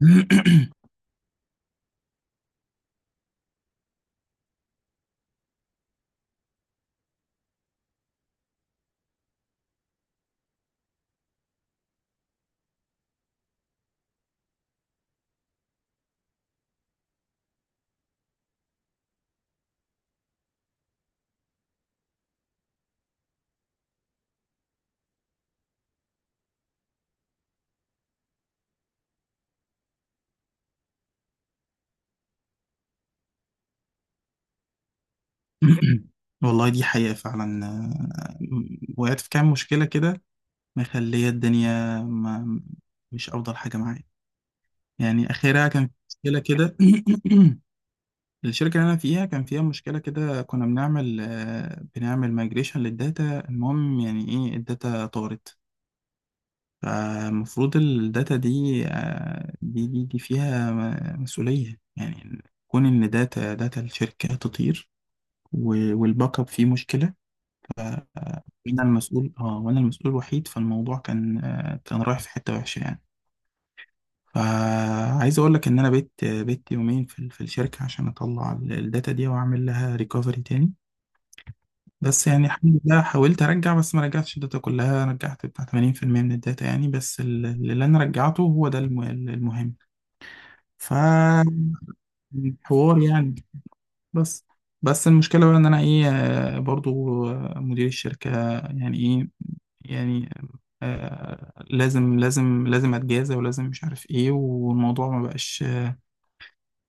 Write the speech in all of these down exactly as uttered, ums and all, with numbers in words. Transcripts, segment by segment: والله دي حقيقة فعلا، آه، وقعت في كام مشكلة كده، مخلية الدنيا، ما مش أفضل حاجة معايا. يعني آخرها كان في مشكلة كده. الشركة اللي أنا فيها كان فيها مشكلة كده، كنا بنعمل آه، بنعمل مايجريشن للداتا. المهم، يعني إيه، الداتا طارت. فالمفروض الداتا دي آه، دي دي, دي فيها م- مسؤولية يعني. كون إن داتا داتا الشركة تطير و- والباك اب فيه مشكلة. وانا المسؤول، اه وانا المسؤول الوحيد، فالموضوع كان آه، كان رايح في حتة وحشة يعني. فعايز اقول لك ان انا بيت بيت يومين في ال- في الشركة عشان اطلع ال- الداتا دي واعمل لها ريكفري تاني. بس يعني الحمد لله، حاولت ارجع، بس ما رجعتش الداتا كلها، رجعت بتاع ثمانين في المئة من الداتا يعني، بس ال- اللي انا رجعته هو ده الم- المهم. فحوار يعني. بس بس المشكلة بقى ان انا ايه، آه، برضو، آه، مدير الشركة يعني ايه، يعني آه لازم لازم لازم اتجازى، ولازم مش عارف ايه، والموضوع ما بقاش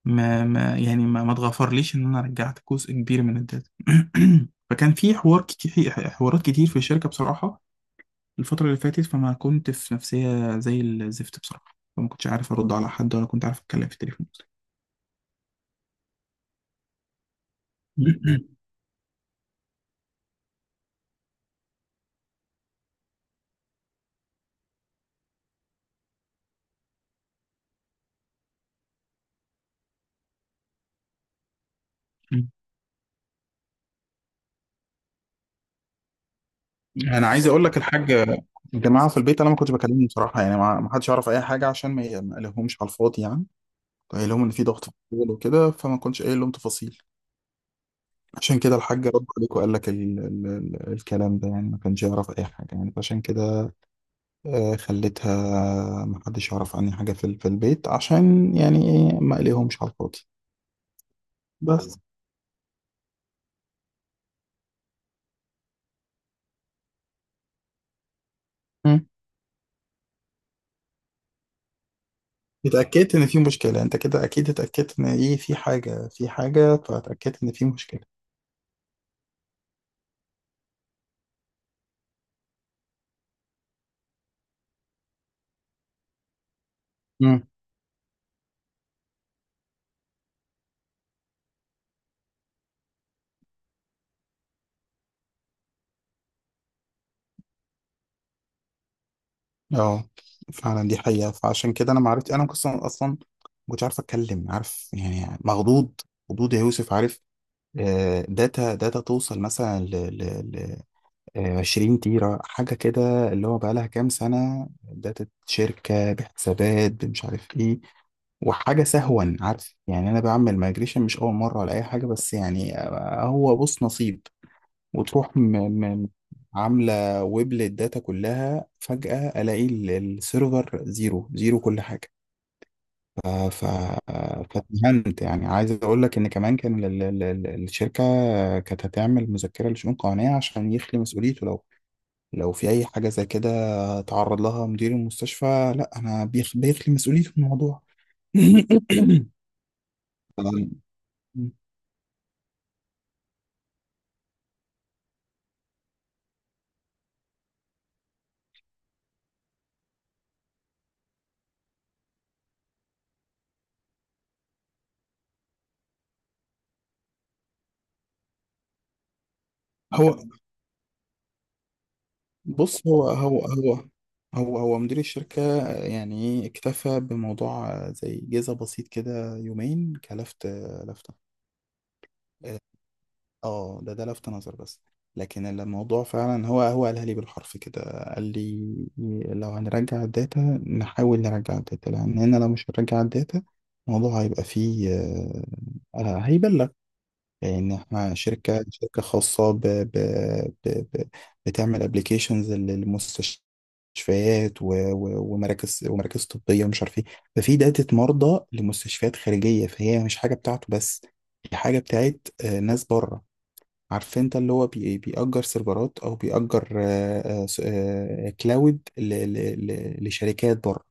ما, ما يعني ما, ما اتغفرليش ان انا رجعت جزء كبير من الداتا. فكان في حوار كتير، حوارات كتير في الشركة بصراحة. الفترة اللي فاتت فما كنت في نفسية زي الزفت بصراحة، فما كنتش عارف ارد على حد، ولا كنت عارف اتكلم في التليفون. انا عايز اقول لك الحاج، الجماعه في البيت انا ما كنتش بكلمهم بصراحه يعني، ما ما حدش يعرف اي حاجه عشان ما ما قلقهمش على الفاضي يعني. قايل لهم ان في ضغط في الشغل وكده، فما كنتش قايل لهم تفاصيل. عشان كده الحاج رد عليك وقال لك ال ال ال الكلام ده يعني، ما كانش يعرف اي حاجه يعني، فعشان كده آه، خليتها ما حدش يعرف عني حاجه في ال- في البيت، عشان يعني ايه، ما قلقهمش على الفاضي بس. مم. اتاكدت ان في مشكله، انت كده اكيد اتاكدت ان ايه، في حاجه، في حاجه، فاتاكدت ان في مشكله. مم. اه، فعلا دي حقيقه، فعشان كده انا ما عرفت، انا كنت اصلا ما كنتش عارف اتكلم، عارف يعني، مخضوض، خضوض يا يوسف، عارف. آه، داتا داتا توصل مثلا ل ل- ل- آه، عشرين تيرة حاجة كده، اللي هو بقالها كام سنة، داتا شركة بحسابات مش عارف ايه، وحاجة سهوا. عارف يعني، أنا بعمل مايجريشن مش أول مرة ولا أي حاجة، بس يعني آه، هو بص، نصيب. وتروح م م عاملة ويب للداتا كلها. فجأة ألاقي ال- السيرفر زيرو زيرو كل حاجة. ف... ف... فاتهمت يعني. عايز اقول لك ان كمان كان ال- ال- ال- الشركه كانت هتعمل مذكره لشؤون قانونيه عشان يخلي مسؤوليته، لو لو في اي حاجه زي كده تعرض لها مدير المستشفى، لا انا بيخ... بيخلي مسؤوليته من الموضوع. هو بص، هو هو هو هو هو مدير الشركة يعني اكتفى بموضوع زي جزء بسيط كده، يومين كلفت. لفتة. اه ده ده لفت نظر بس. لكن الموضوع فعلا هو هو قالها لي بالحرف كده. قال لي: لو هنرجع الداتا، نحاول نرجع الداتا، لان هنا لو مش هنرجع الداتا، الموضوع هيبقى فيه آه، آه، هيبلغ. لان احنا شركة شركة خاصة ب ب ب ب بتعمل ابلكيشنز للمستشفيات و- و- ومراكز ومراكز طبية ومش عارف ايه. ففي داتا مرضى لمستشفيات خارجية، فهي مش حاجة بتاعته بس. دي حاجة بتاعت آه، ناس بره. عارف انت، اللي هو بي بيأجر سيرفرات، او بيأجر آه، آه، س- آه، كلاود ل- ل- ل- لشركات بره.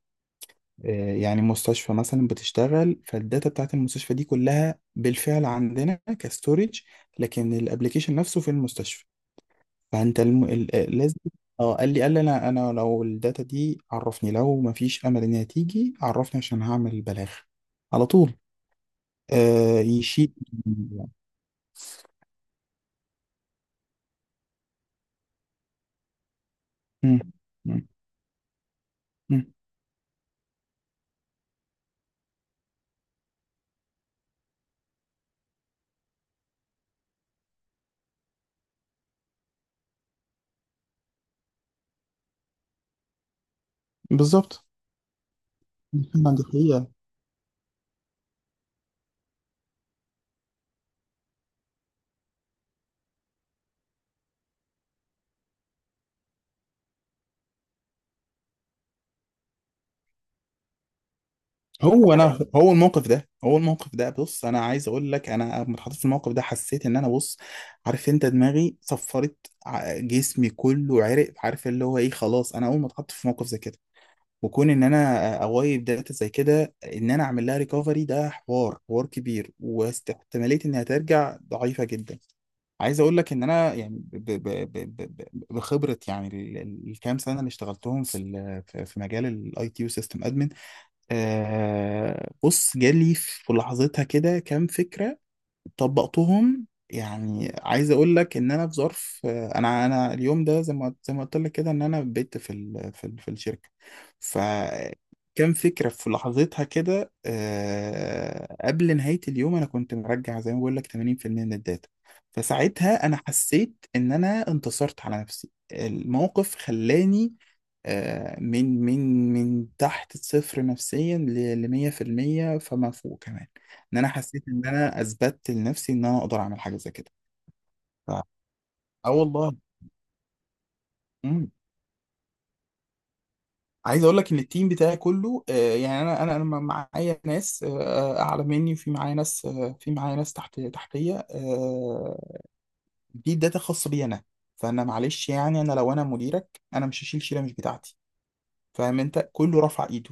آه، يعني مستشفى مثلا بتشتغل، فالداتا بتاعت المستشفى دي كلها بالفعل عندنا كستورج، لكن الابليكيشن نفسه في المستشفى. فانت الم... ال- آه، لازم. اه قال لي، قال لي انا انا لو الداتا دي عرفني، لو ما فيش امل ان هي تيجي عرفني عشان هعمل بلاغ على طول. آه يشيل. مم. مم. مم. بالظبط. محمد، هي. هو انا، هو الموقف ده، هو الموقف ده بص انا عايز اقول لك: انا لما اتحطيت في الموقف ده حسيت ان انا، بص، عارف انت، دماغي صفرت، ع- جسمي كله عرق. عارف اللي هو ايه، خلاص انا اول ما اتحط في موقف زي كده، وكون ان انا آه، اوايب داتا زي كده، ان انا اعمل لها ريكفري، ده حوار حوار كبير، واحتماليه انها ترجع ضعيفه جدا. عايز اقول لك ان انا يعني ب- ب- ب- ب- ب- بخبره، يعني ال- ال- الكام سنه اللي اشتغلتهم في ال- في في مجال الاي تي يو سيستم. آه بص، جالي في لحظتها كده كام فكرة طبقتهم. يعني عايز اقول لك ان انا في ظرف، آه، انا انا اليوم ده زي ما زي ما قلت لك كده ان انا بت في ال في ال في الشركه. فكان فكره في لحظتها كده، آه، قبل نهايه اليوم انا كنت مرجع زي ما بقول لك ثمانين في المية من الداتا. فساعتها انا حسيت ان انا انتصرت على نفسي، الموقف خلاني آه، من من من تحت الصفر نفسيا ل مية بالمية فما فوق كمان. ان انا حسيت ان انا اثبتت لنفسي ان انا اقدر اعمل حاجه زي كده. ف... اه، والله. امم عايز اقول لك ان التيم بتاعي كله، آه، يعني انا انا انا معايا ناس آه، اعلى مني، وفي معايا ناس، آه، في معايا ناس تحت تحتيه، آه، دي داتا خاصه بي انا. فانا معلش يعني، انا لو انا مديرك، انا مش هشيل شيله مش بتاعتي. فاهم انت؟ كله رفع ايده.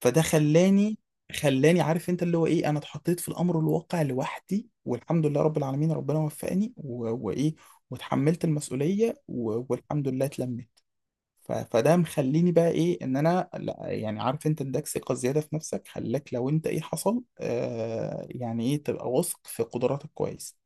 فده خلاني خلاني عارف انت اللي هو ايه، انا اتحطيت في الامر الواقع لوحدي، والحمد لله رب العالمين، ربنا وفقني و- وايه، وتحملت المسؤولية و- والحمد لله اتلمت. ف- فده مخليني بقى ايه، ان انا لا يعني، عارف انت، اداك ثقة زيادة في نفسك، خلاك لو انت ايه حصل آه يعني ايه تبقى واثق في قدراتك كويس.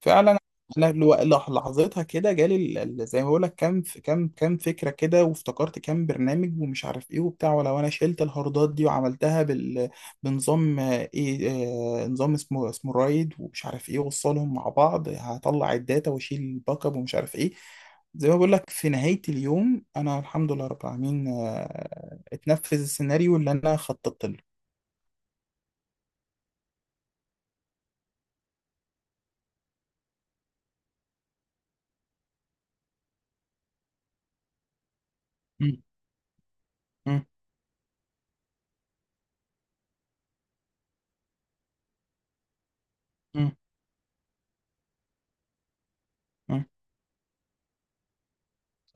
فعلا. انا لو- لح- لحظتها كده جالي ال- ال- زي ما بقول لك كام ف- كام كام فكره كده، وافتكرت كام برنامج ومش عارف ايه وبتاع. ولو انا شلت الهاردات دي وعملتها بال، بنظام، آه، ايه، آه، نظام اسمه اسمه رايد ومش عارف ايه، وصلهم مع بعض، هطلع الداتا واشيل الباك اب ومش عارف ايه. زي ما بقول لك في نهايه اليوم انا، الحمد لله رب العالمين، آه، اتنفذ السيناريو اللي انا خططت له. م- م- م- م.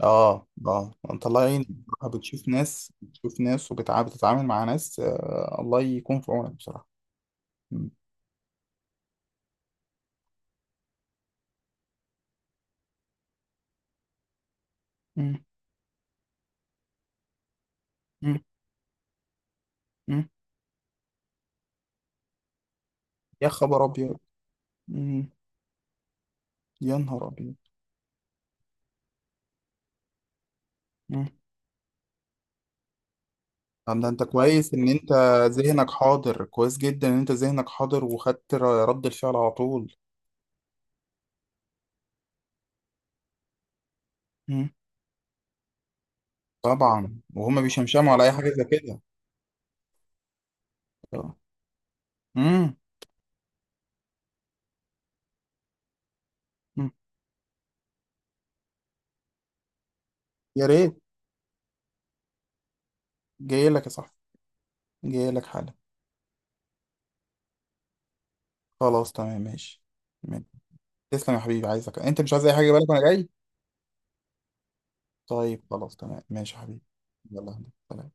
اه اه، الله يعينك بصراحة. بتشوف ناس، بتشوف ناس وبتعامل، بتتعامل مع ناس، آه الله يكون في عونك بصراحة. مم. مم. مم. مم. يا خبر ابيض. مم. يا نهار ابيض. مم. طب ده انت كويس ان انت ذهنك حاضر، كويس جدا ان انت ذهنك حاضر وخدت ر- رد الفعل على طول. مم. طبعا، وهما بيشمشموا على اي حاجة زي كده. آه. مم. مم. يا ريت. جاي لك يا صاحبي، جاي لك حالا. خلاص تمام ماشي. تسلم يا حبيبي، عايزك انت، مش عايز اي حاجه، بالك وانا جاي. طيب خلاص تمام ماشي يا حبيبي. يلا سلام.